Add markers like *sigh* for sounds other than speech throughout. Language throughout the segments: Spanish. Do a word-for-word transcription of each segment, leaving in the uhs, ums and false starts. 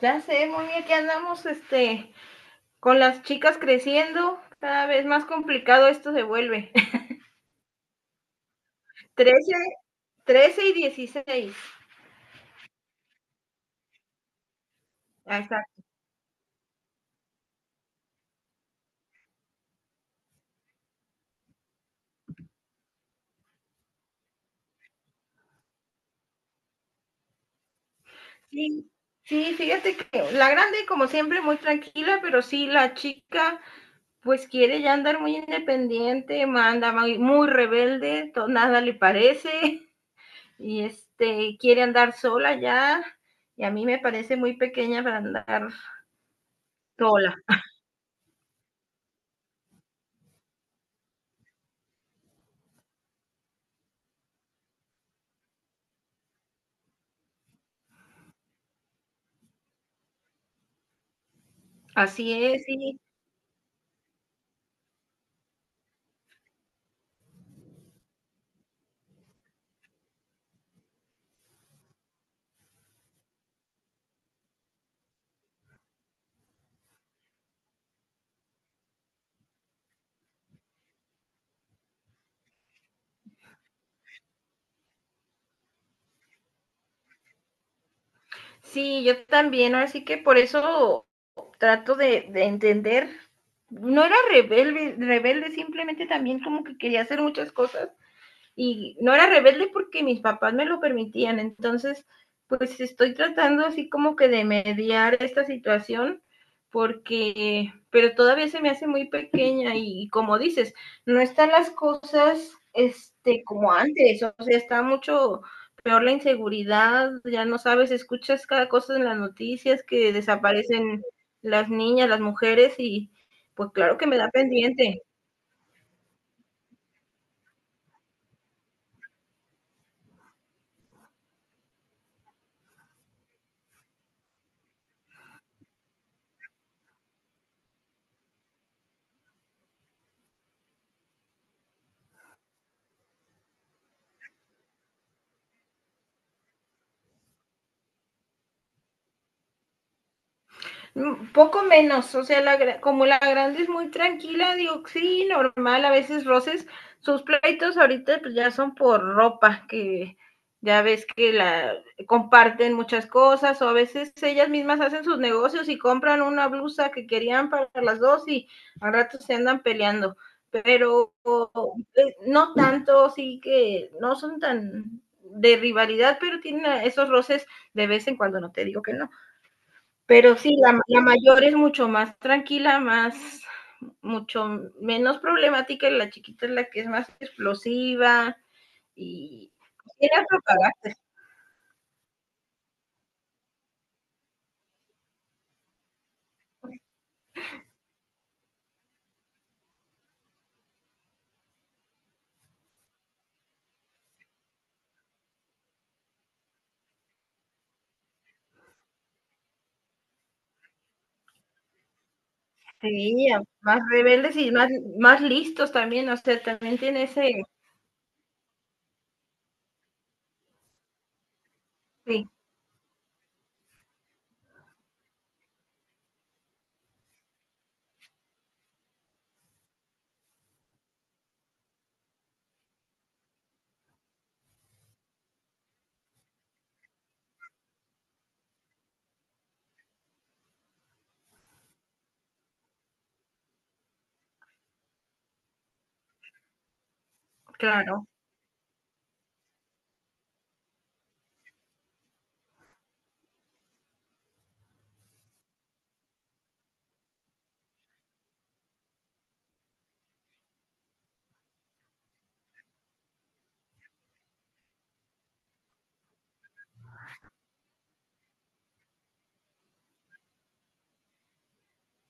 Ya sé, muy bien que andamos este, con las chicas creciendo, cada vez más complicado esto se vuelve. *laughs* Trece, trece y dieciséis. Ahí está. Sí, sí, fíjate que la grande, como siempre, muy tranquila, pero sí, la chica, pues quiere ya andar muy independiente, manda muy, muy rebelde, todo, nada le parece, y este, quiere andar sola ya, y a mí me parece muy pequeña para andar sola. Así es, sí. Sí, yo también, ahora sí que por eso trato de, de entender. No era rebelde, rebelde, simplemente también como que quería hacer muchas cosas y no era rebelde porque mis papás me lo permitían. Entonces, pues estoy tratando así como que de mediar esta situación porque, pero todavía se me hace muy pequeña y, y como dices, no están las cosas este como antes, o sea, está mucho peor la inseguridad, ya no sabes, escuchas cada cosa en las noticias que desaparecen las niñas, las mujeres y pues claro que me da pendiente. mm, Poco menos, o sea, la, como la grande es muy tranquila, digo, sí, normal, a veces roces, sus pleitos ahorita pues ya son por ropa, que ya ves que la comparten muchas cosas, o a veces ellas mismas hacen sus negocios y compran una blusa que querían para las dos y al rato se andan peleando, pero eh, no tanto, sí que no son tan de rivalidad, pero tienen esos roces de vez en cuando, no te digo que no. Pero sí, la, la mayor es mucho más tranquila, más, mucho menos problemática, y la chiquita es la que es más explosiva y tiene otro carácter, sí, más rebeldes y más, más listos también, o sea, también tiene ese, sí, claro.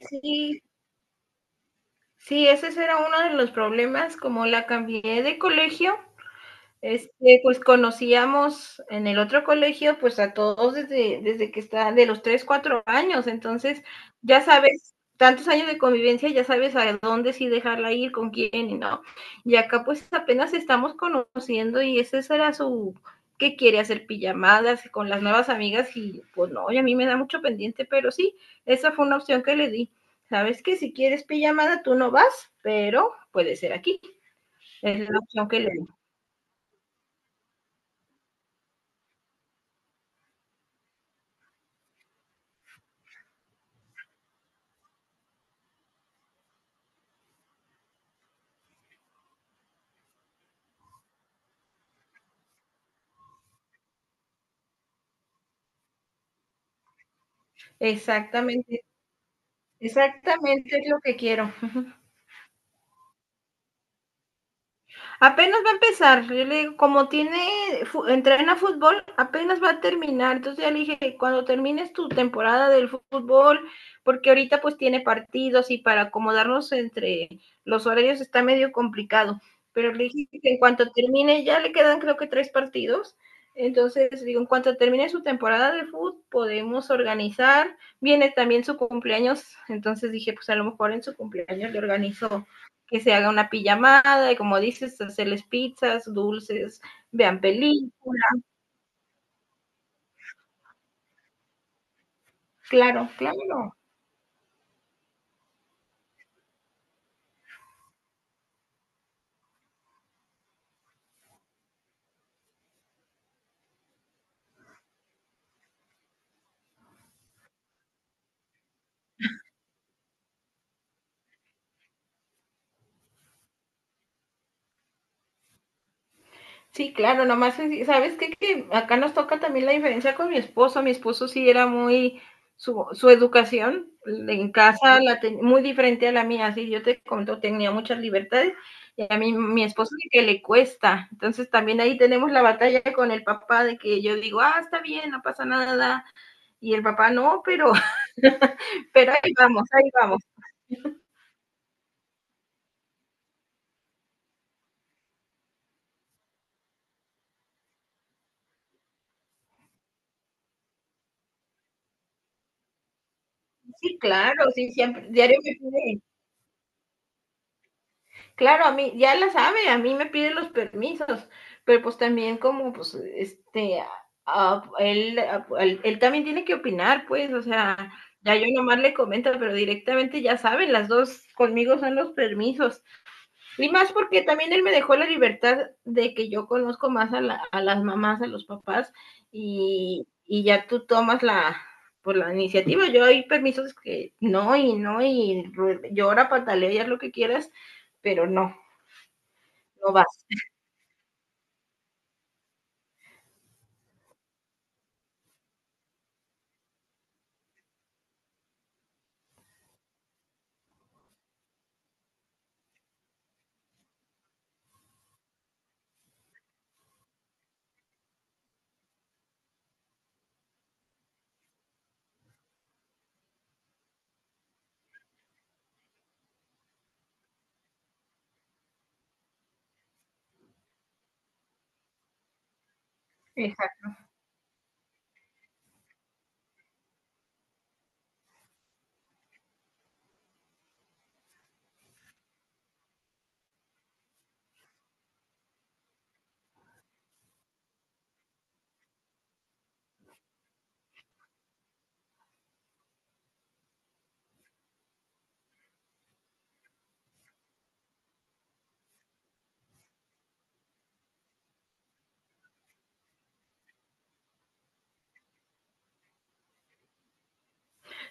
Sí, sí, ese era uno de los problemas, como la cambié de colegio. Este, pues conocíamos en el otro colegio, pues a todos desde, desde que está de los tres cuatro años, entonces ya sabes, tantos años de convivencia, ya sabes a dónde sí dejarla ir, con quién y no. Y acá pues apenas estamos conociendo y ese será su, que quiere hacer pijamadas con las nuevas amigas y pues no, y a mí me da mucho pendiente, pero sí, esa fue una opción que le di. Sabes que si quieres pijamada tú no vas, pero puede ser aquí. Es la opción que le di. Exactamente. Exactamente, es lo que quiero. Apenas va a empezar, yo le digo, como tiene, fu- entrena fútbol, apenas va a terminar. Entonces ya le dije, cuando termines tu temporada del fu- fútbol, porque ahorita pues tiene partidos y para acomodarnos entre los horarios está medio complicado. Pero le dije que en cuanto termine, ya le quedan creo que tres partidos. Entonces, digo, en cuanto termine su temporada de fútbol, podemos organizar. Viene también su cumpleaños, entonces dije, pues a lo mejor en su cumpleaños le organizo que se haga una pijamada, y como dices, hacerles pizzas, dulces, vean películas, claro, claro. Sí, claro, nomás, ¿sabes qué? Que acá nos toca también la diferencia con mi esposo. Mi esposo sí era muy, su, su educación en casa la ten- muy diferente a la mía. Así yo te conto, tenía muchas libertades y a mí mi esposo sí que le cuesta. Entonces también ahí tenemos la batalla con el papá de que yo digo, ah, está bien, no pasa nada. Y el papá, no, pero, *laughs* pero ahí vamos, ahí vamos. Sí, claro, sí, siempre, diario me pide, claro, a mí, ya la sabe, a mí me pide los permisos, pero pues también como, pues, este, a- a- él, a- él, él también tiene que opinar, pues, o sea, ya yo nomás le comento, pero directamente ya saben, las dos conmigo son los permisos. Y más porque también él me dejó la libertad de que yo conozco más a, la, a las mamás, a los papás, y, y ya tú tomas la, por la iniciativa. Yo hay permisos que no, y no, y llora, patalea, haz lo que quieras, pero no, no vas. Exacto.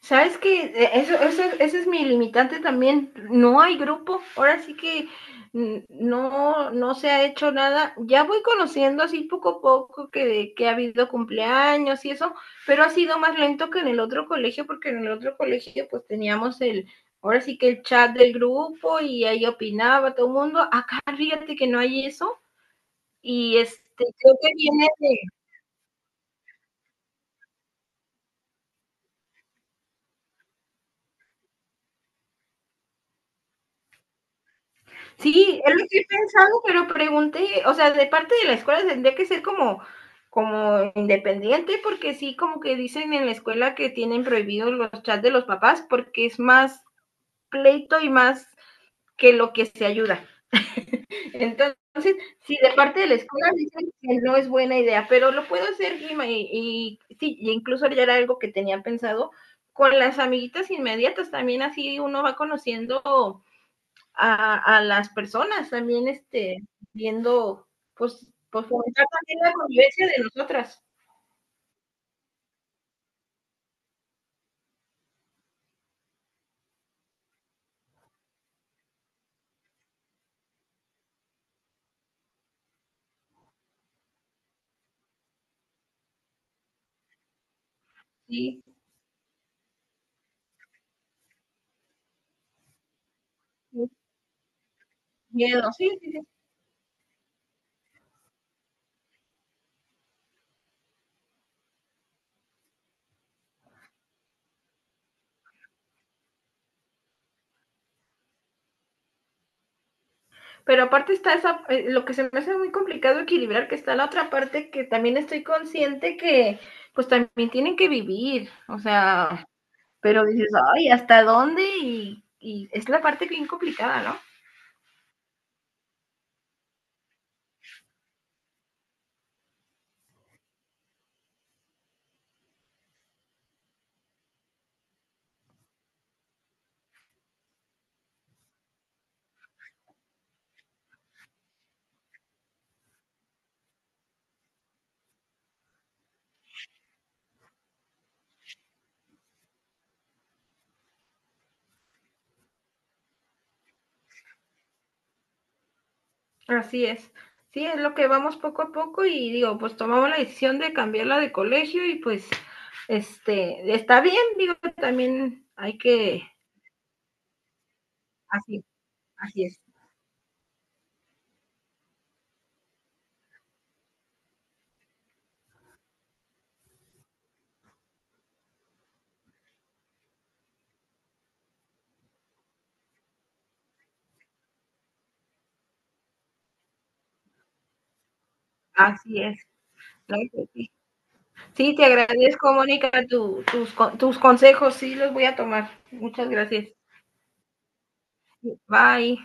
¿Sabes qué? E, Eso, eso, ese es mi limitante también. No hay grupo. Ahora sí que mm, no, no se ha hecho nada. Ya voy conociendo así poco a poco que, que ha habido cumpleaños y eso, pero ha sido más lento que en el otro colegio, porque en el otro colegio pues teníamos el, ahora sí que el chat del grupo y ahí opinaba todo el mundo. Acá fíjate que no hay eso. Y este, creo que viene de, sí, es lo que he pensado, pero pregunté, o sea, de parte de la escuela tendría que ser como, como independiente, porque sí, como que dicen en la escuela que tienen prohibidos los chats de los papás, porque es más pleito y más que lo que se ayuda. Entonces, si de parte de la escuela dicen que no es buena idea, pero lo puedo hacer y, y, y sí, y incluso ya era algo que tenía pensado con las amiguitas inmediatas, también así uno va conociendo a, a las personas también, este, viendo, pues, pues fomentar también la convivencia de nosotras, sí, sí, miedo, sí, sí, sí. Pero aparte está esa, eh, lo que se me hace muy complicado equilibrar, que está la otra parte que también estoy consciente que, pues también tienen que vivir, o sea, pero dices, ay, ¿hasta dónde? Y, y es la parte bien complicada, ¿no? Así es. Sí, es lo que vamos poco a poco y digo, pues tomamos la decisión de cambiarla de colegio y pues este está bien, digo, también hay que así, así es, así es. ¿No? Sí, sí, te agradezco, Mónica, tu- tus, con- tus consejos, sí los voy a tomar. Muchas gracias. Bye.